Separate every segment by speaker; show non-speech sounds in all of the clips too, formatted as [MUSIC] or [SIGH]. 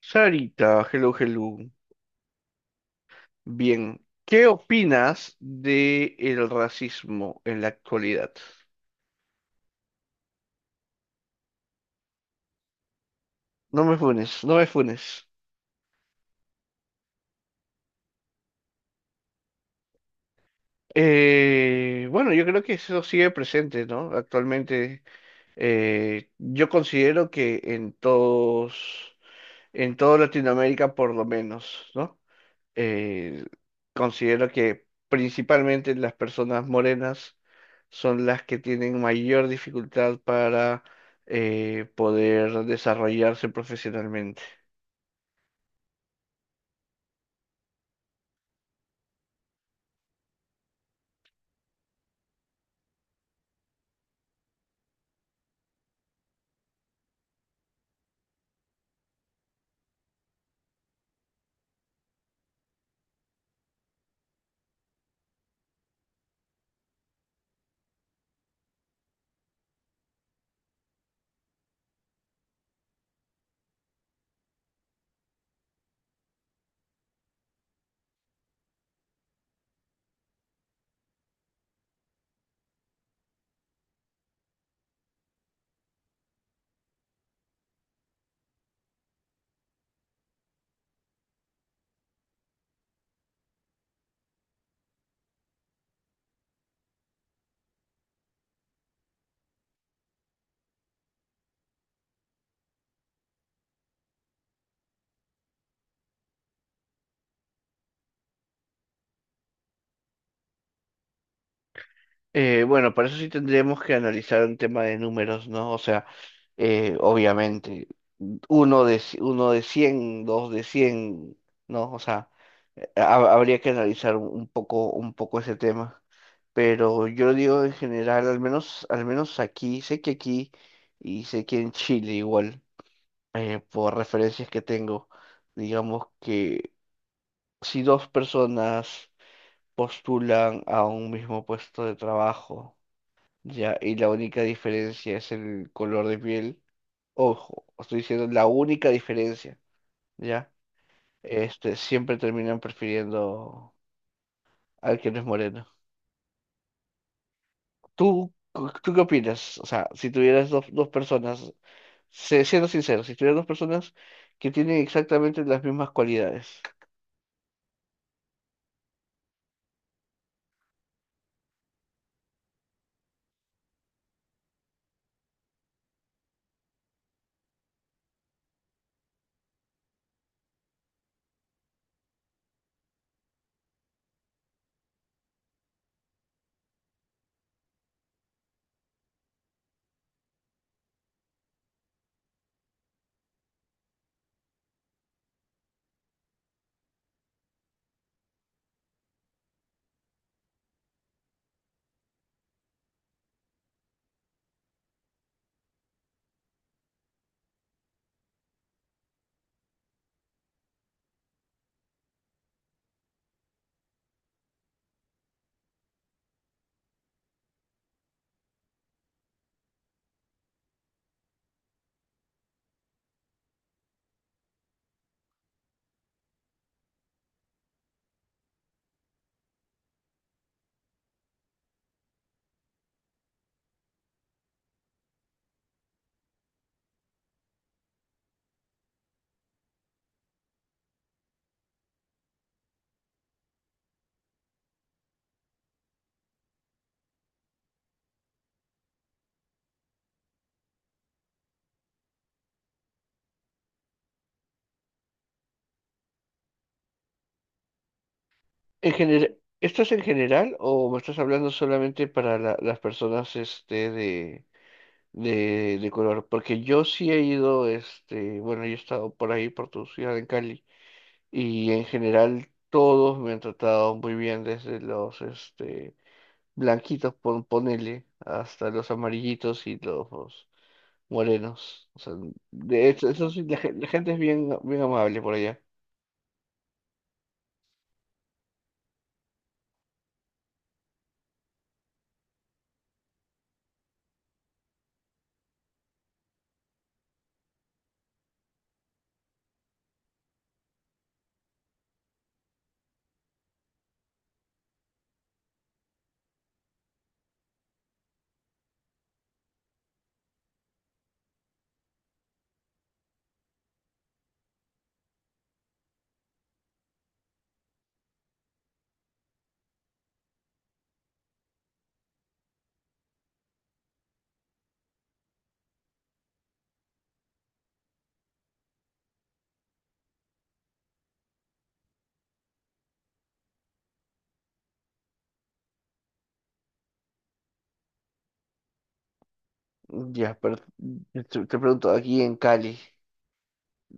Speaker 1: Sarita, hello, hello. Bien, ¿qué opinas de el racismo en la actualidad? No me funes, no me funes. Bueno, yo creo que eso sigue presente, ¿no? Actualmente, yo considero que en toda Latinoamérica por lo menos, ¿no? eh, considero que principalmente las personas morenas son las que tienen mayor dificultad para poder desarrollarse profesionalmente. Bueno, para eso sí tendríamos que analizar un tema de números, ¿no? O sea, obviamente, uno de 100, dos de 100, ¿no? O sea, habría que analizar un poco, un poco ese tema. Pero yo digo en general, al menos aquí, sé que aquí y sé que en Chile igual, por referencias que tengo, digamos que si dos personas postulan a un mismo puesto de trabajo, ya, y la única diferencia es el color de piel. Ojo, estoy diciendo la única diferencia, ¿ya? Este, siempre terminan prefiriendo al que no es moreno. ¿Tú qué opinas? O sea, si tuvieras dos personas, siendo sincero, si tuvieras dos personas que tienen exactamente las mismas cualidades. En general, ¿esto es en general o me estás hablando solamente para las personas, este, de color, porque yo sí he ido, este, bueno, yo he estado por ahí, por tu ciudad en Cali, y en general todos me han tratado muy bien, desde los, este, blanquitos, ponele, hasta los amarillitos y los morenos. O sea, de hecho, eso sí, la gente es bien, bien amable por allá. Ya, pero te pregunto, aquí en Cali,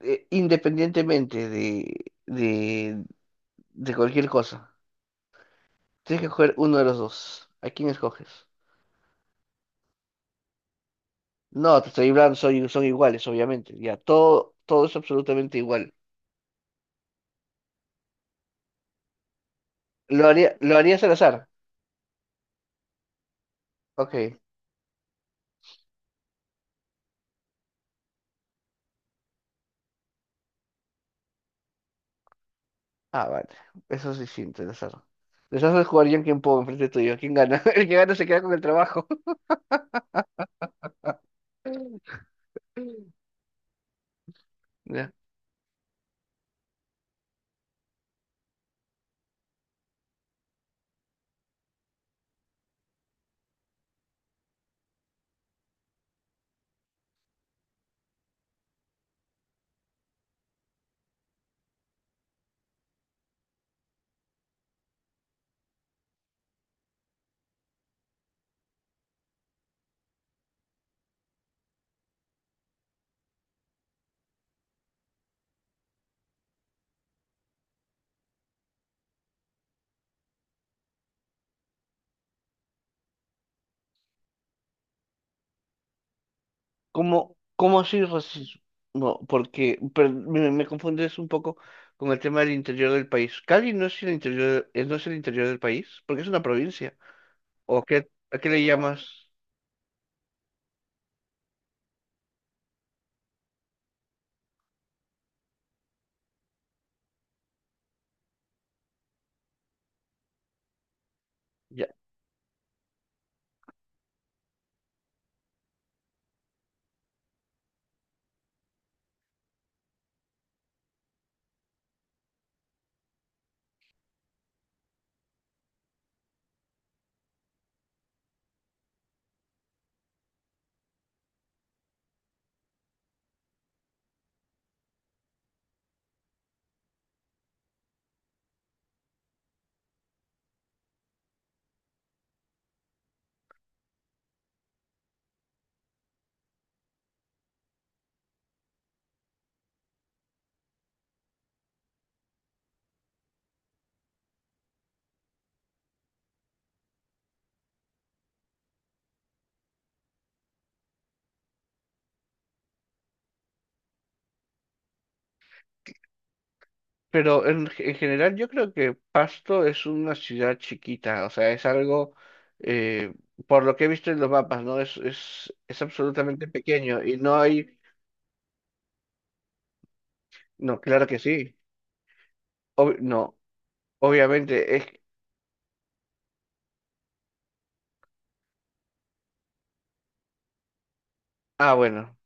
Speaker 1: independientemente de cualquier cosa. Tienes que escoger uno de los dos. ¿A quién escoges? No, te estoy hablando, son iguales, obviamente. Ya, todo, todo es absolutamente igual. ¿Lo harías al azar? Ok. Ah, vale. Eso es distinto, el azar. Les haces jugar yo en quien puedo enfrente tuyo. ¿Quién gana? [LAUGHS] El que gana se queda con el trabajo. [LAUGHS] Ya. ¿Cómo así racismo? No, porque pero me confundes un poco con el tema del interior del país. ¿Cali no es el interior del país? Porque es una provincia. A qué le llamas? Pero en general yo creo que Pasto es una ciudad chiquita, o sea, es algo, eh, por lo que he visto en los mapas, ¿no? Es absolutamente pequeño y no hay, no, claro que sí, no, obviamente es, ah, bueno.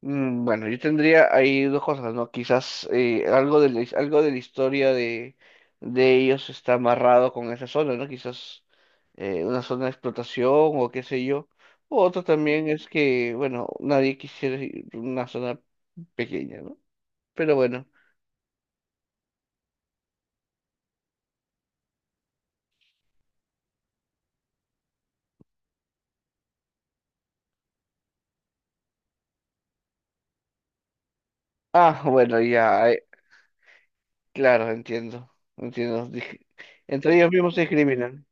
Speaker 1: Mm, bueno, yo tendría ahí dos cosas, ¿no? Quizás algo de algo de la historia de ellos está amarrado con esa zona, ¿no? Quizás una zona de explotación o qué sé yo. O otro también es que, bueno, nadie quisiera ir a una zona pequeña, ¿no? Pero bueno. Ah, bueno, ya, claro, entiendo, entiendo. Entre ellos mismos se discriminan.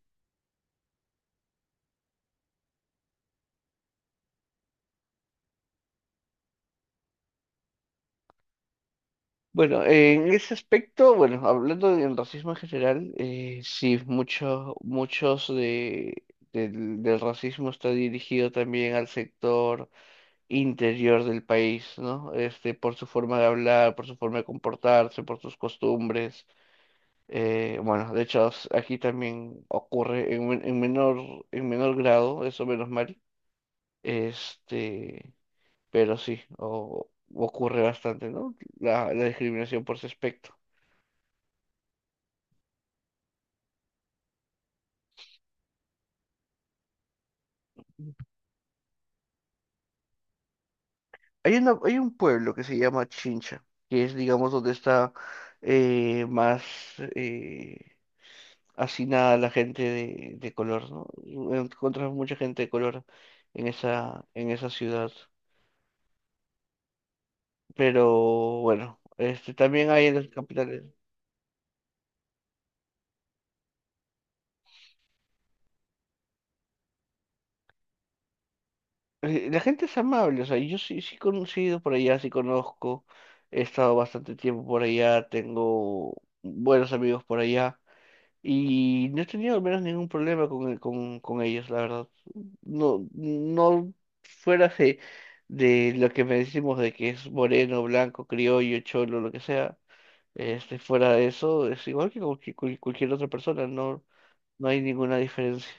Speaker 1: Bueno, en ese aspecto, bueno, hablando del racismo en general, sí, muchos, muchos del racismo está dirigido también al sector interior del país, ¿no? Este, por su forma de hablar, por su forma de comportarse, por sus costumbres. Bueno, de hecho, aquí también ocurre en menor grado, eso menos mal, este, pero sí, ocurre bastante, ¿no? La discriminación por ese aspecto. Hay un pueblo que se llama Chincha, que es, digamos, donde está más eh, hacinada la gente de color, ¿no? Encuentras mucha gente de color en esa ciudad. Pero bueno, este también hay en las capitales. La gente es amable, o sea, yo sí, sí he conocido por allá, sí conozco, he estado bastante tiempo por allá, tengo buenos amigos por allá. Y no he tenido al menos ningún problema con ellos, la verdad. No, no fuera de, lo que me decimos de que es moreno, blanco, criollo, cholo, lo que sea. Este, fuera de eso, es igual que con cualquier otra persona, no, no hay ninguna diferencia.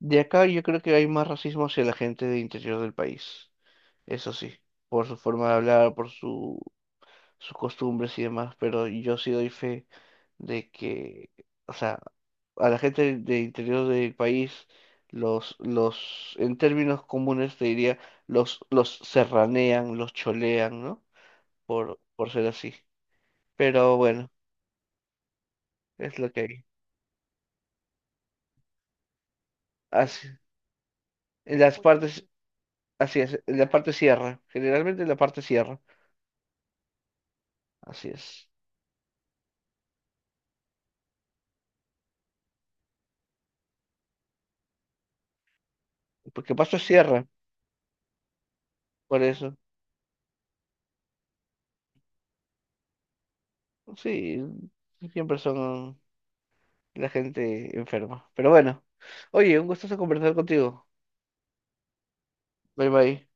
Speaker 1: De acá yo creo que hay más racismo hacia la gente del interior del país, eso sí, por su forma de hablar, sus costumbres y demás, pero yo sí doy fe de que, o sea, a la gente del interior del país, en términos comunes te diría, los serranean, los cholean, ¿no? Por ser así. Pero bueno, es lo que hay. Así, en las partes, así es, en la parte sierra, generalmente en la parte sierra, así es. Porque Pasto es sierra, por eso. Sí, siempre son la gente enferma. Pero bueno, oye, un gustazo conversar contigo. Bye bye.